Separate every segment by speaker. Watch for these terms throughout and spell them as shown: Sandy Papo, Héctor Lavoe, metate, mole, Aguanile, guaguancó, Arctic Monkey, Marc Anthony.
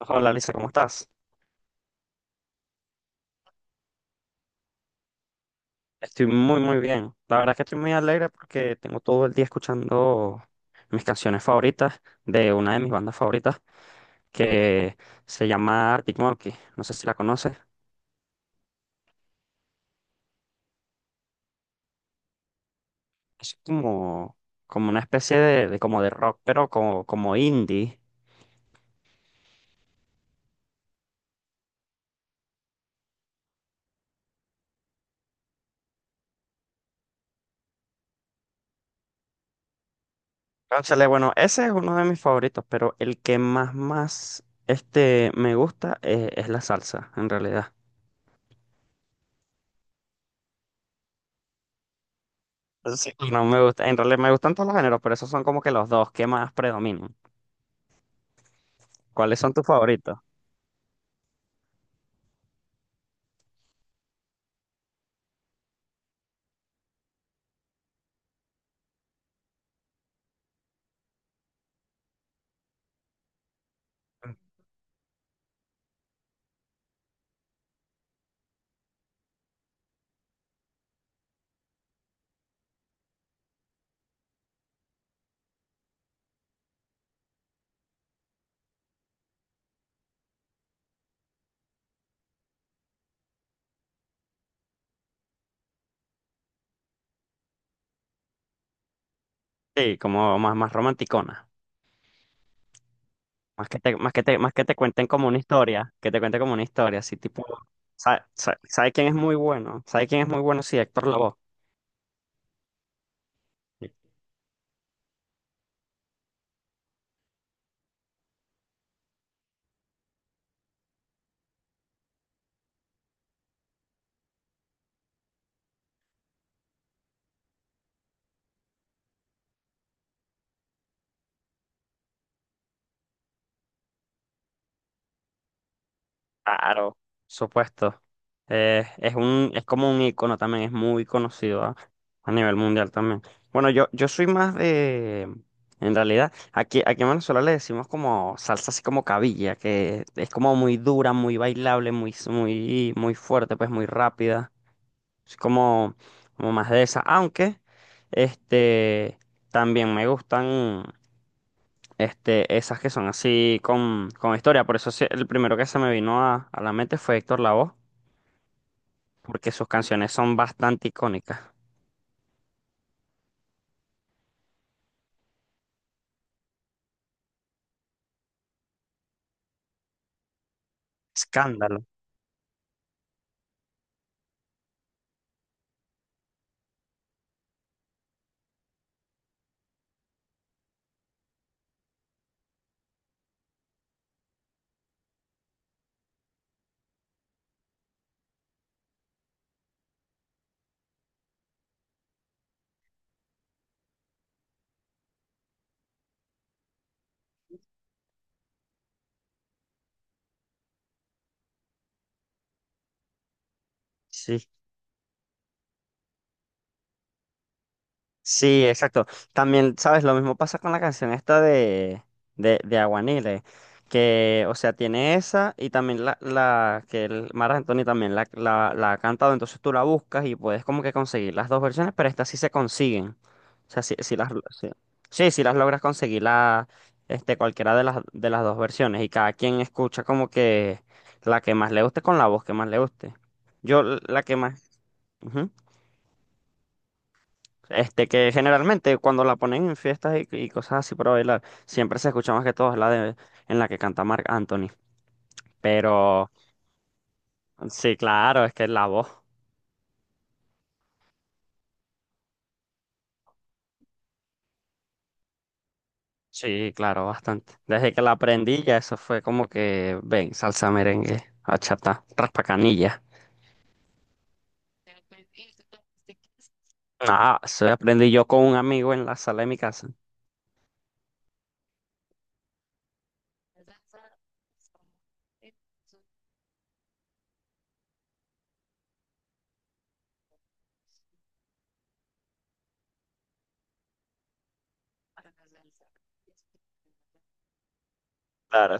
Speaker 1: Hola, Lisa, ¿cómo estás? Estoy muy, muy bien. La verdad que estoy muy alegre porque tengo todo el día escuchando mis canciones favoritas de una de mis bandas favoritas que se llama Arctic Monkey. No sé si la conoces. Es como, como una especie de como de rock, pero como, como indie. Cónchale, bueno, ese es uno de mis favoritos, pero el que más, más me gusta, es la salsa, en realidad. Sí, no me gusta, en realidad me gustan todos los géneros, pero esos son como que los dos que más predominan. ¿Cuáles son tus favoritos? Sí, como más, más romanticona. Más que te cuenten como una historia, que te cuente como una historia, así tipo, ¿sabes quién es muy bueno? ¿Sabe quién es muy bueno? Sí, Héctor Lavoe. Sí. Claro, supuesto. Es es como un icono también, es muy conocido a nivel mundial también. Bueno, yo soy más de, en realidad, aquí en Venezuela le decimos como salsa así como cabilla, que es como muy dura, muy bailable, muy, muy, muy fuerte, pues muy rápida. Es como, como más de esa. Aunque, este, también me gustan, esas que son así con historia. Por eso sí, el primero que se me vino a la mente fue Héctor Lavoe, porque sus canciones son bastante icónicas. Escándalo. Sí. Sí, exacto. También, ¿sabes? Lo mismo pasa con la canción esta de Aguanile, que, o sea, tiene esa y también la que el Mar Anthony también la ha cantado, entonces tú la buscas y puedes como que conseguir las dos versiones, pero estas sí se consiguen. O sea, si, si las, lo- sí, sí, si las logras conseguir la, cualquiera de las dos versiones y cada quien escucha como que la que más le guste con la voz que más le guste. Yo la que más... ujú. Este, que generalmente cuando la ponen en fiestas y cosas así para bailar, siempre se escucha más que todo la de en la que canta Marc Anthony. Pero sí, claro, es que la voz, sí, claro, bastante. Desde que la aprendí ya eso fue como que, ven, salsa merengue, achata, raspa canilla. Ah, eso aprendí yo con un amigo en la sala de mi casa. Claro.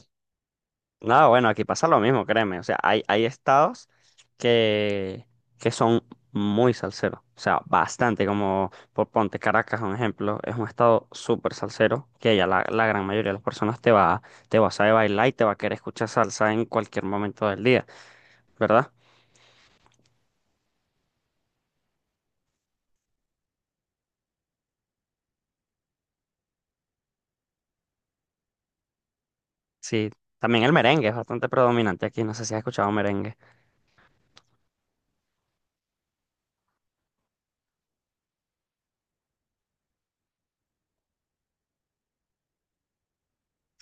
Speaker 1: No, bueno, aquí pasa lo mismo, créeme. O sea, hay estados que, que son muy salseros. O sea, bastante, como por ponte Caracas, un ejemplo, es un estado súper salsero, que ya la gran mayoría de las personas te va a saber bailar y te va a querer escuchar salsa en cualquier momento del día, ¿verdad? Sí, también el merengue es bastante predominante aquí, no sé si has escuchado merengue.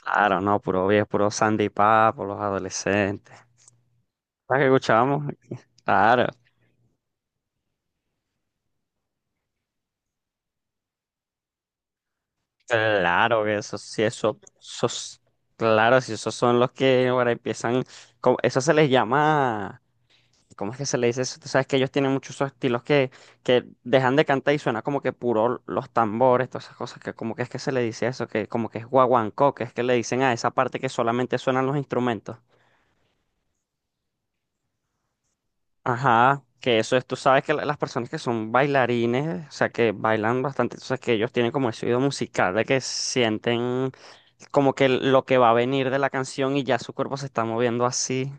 Speaker 1: Claro, no, puro viejo, puro Sandy Papo, los adolescentes. ¿Sabes qué escuchábamos? Claro. Claro que eso sí, eso, esos, claro, si esos son los que ahora empiezan, eso se les llama, ¿cómo es que se le dice eso? Tú sabes que ellos tienen muchos esos estilos que dejan de cantar y suena como que puro los tambores, todas esas cosas, que como que es que se le dice eso, que como que es guaguancó, que es que le dicen a esa parte que solamente suenan los instrumentos. Ajá, que eso es, tú sabes que las personas que son bailarines, o sea, que bailan bastante, entonces que ellos tienen como ese oído musical de que sienten como que lo que va a venir de la canción y ya su cuerpo se está moviendo así.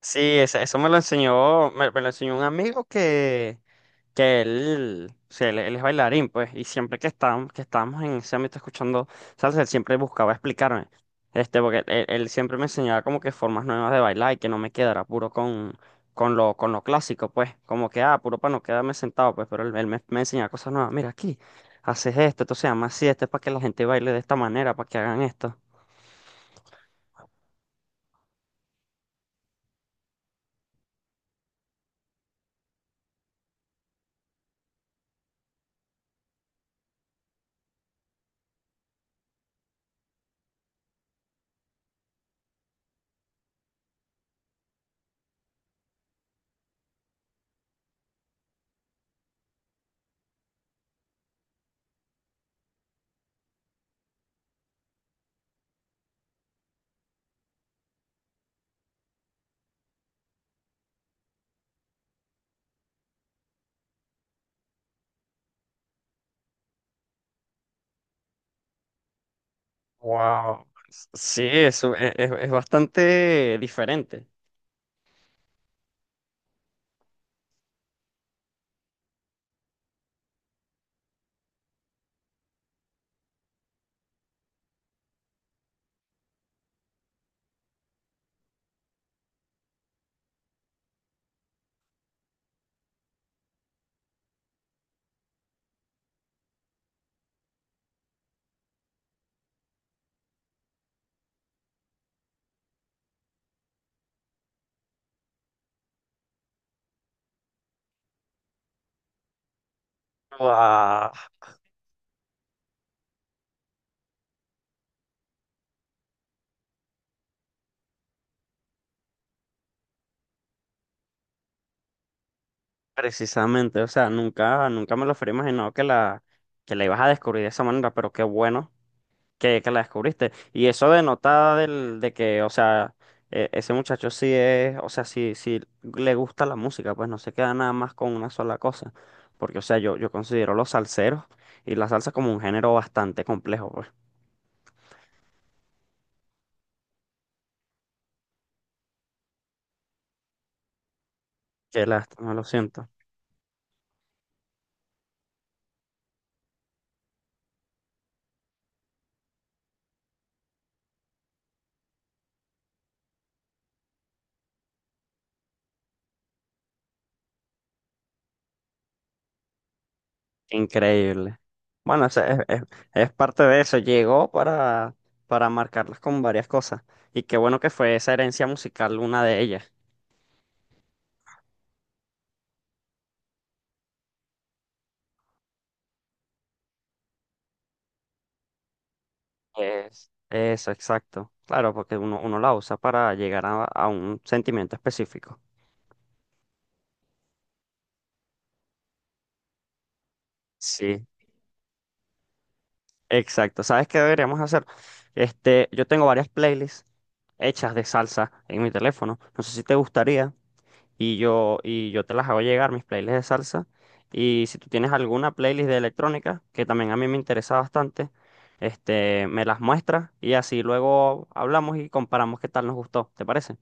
Speaker 1: Sí, eso, me, me lo enseñó un amigo que él, sí, él es bailarín, pues, y siempre que estábamos en ese ámbito escuchando salsa, él siempre buscaba explicarme, porque él siempre me enseñaba como que formas nuevas de bailar y que no me quedara puro con lo clásico, pues, como que, ah, puro para no quedarme sentado, pues, pero me enseñaba cosas nuevas, mira aquí, haces esto, esto se llama así, esto es para que la gente baile de esta manera, para que hagan esto. Wow, sí, eso es, es bastante diferente. Wow. Precisamente, o sea, nunca, nunca me lo hubiera imaginado que que la ibas a descubrir de esa manera, pero qué bueno que la descubriste. Y eso denota de que, o sea, ese muchacho sí es, o sea, sí, sí le gusta la música, pues no se queda nada más con una sola cosa. Porque, o sea, yo considero los salseros y la salsa como un género bastante complejo, pues. Qué lástima, lo siento. Increíble. Bueno, es parte de eso. Llegó para marcarlas con varias cosas. Y qué bueno que fue esa herencia musical una de ellas. Es, eso, exacto. Claro, porque uno, uno la usa para llegar a un sentimiento específico. Sí, exacto. ¿Sabes qué deberíamos hacer? Este, yo tengo varias playlists hechas de salsa en mi teléfono. No sé si te gustaría. Y y yo te las hago llegar, mis playlists de salsa. Y si tú tienes alguna playlist de electrónica, que también a mí me interesa bastante, me las muestras y así luego hablamos y comparamos qué tal nos gustó. ¿Te parece?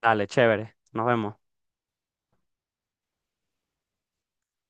Speaker 1: Dale, chévere. Nos vemos.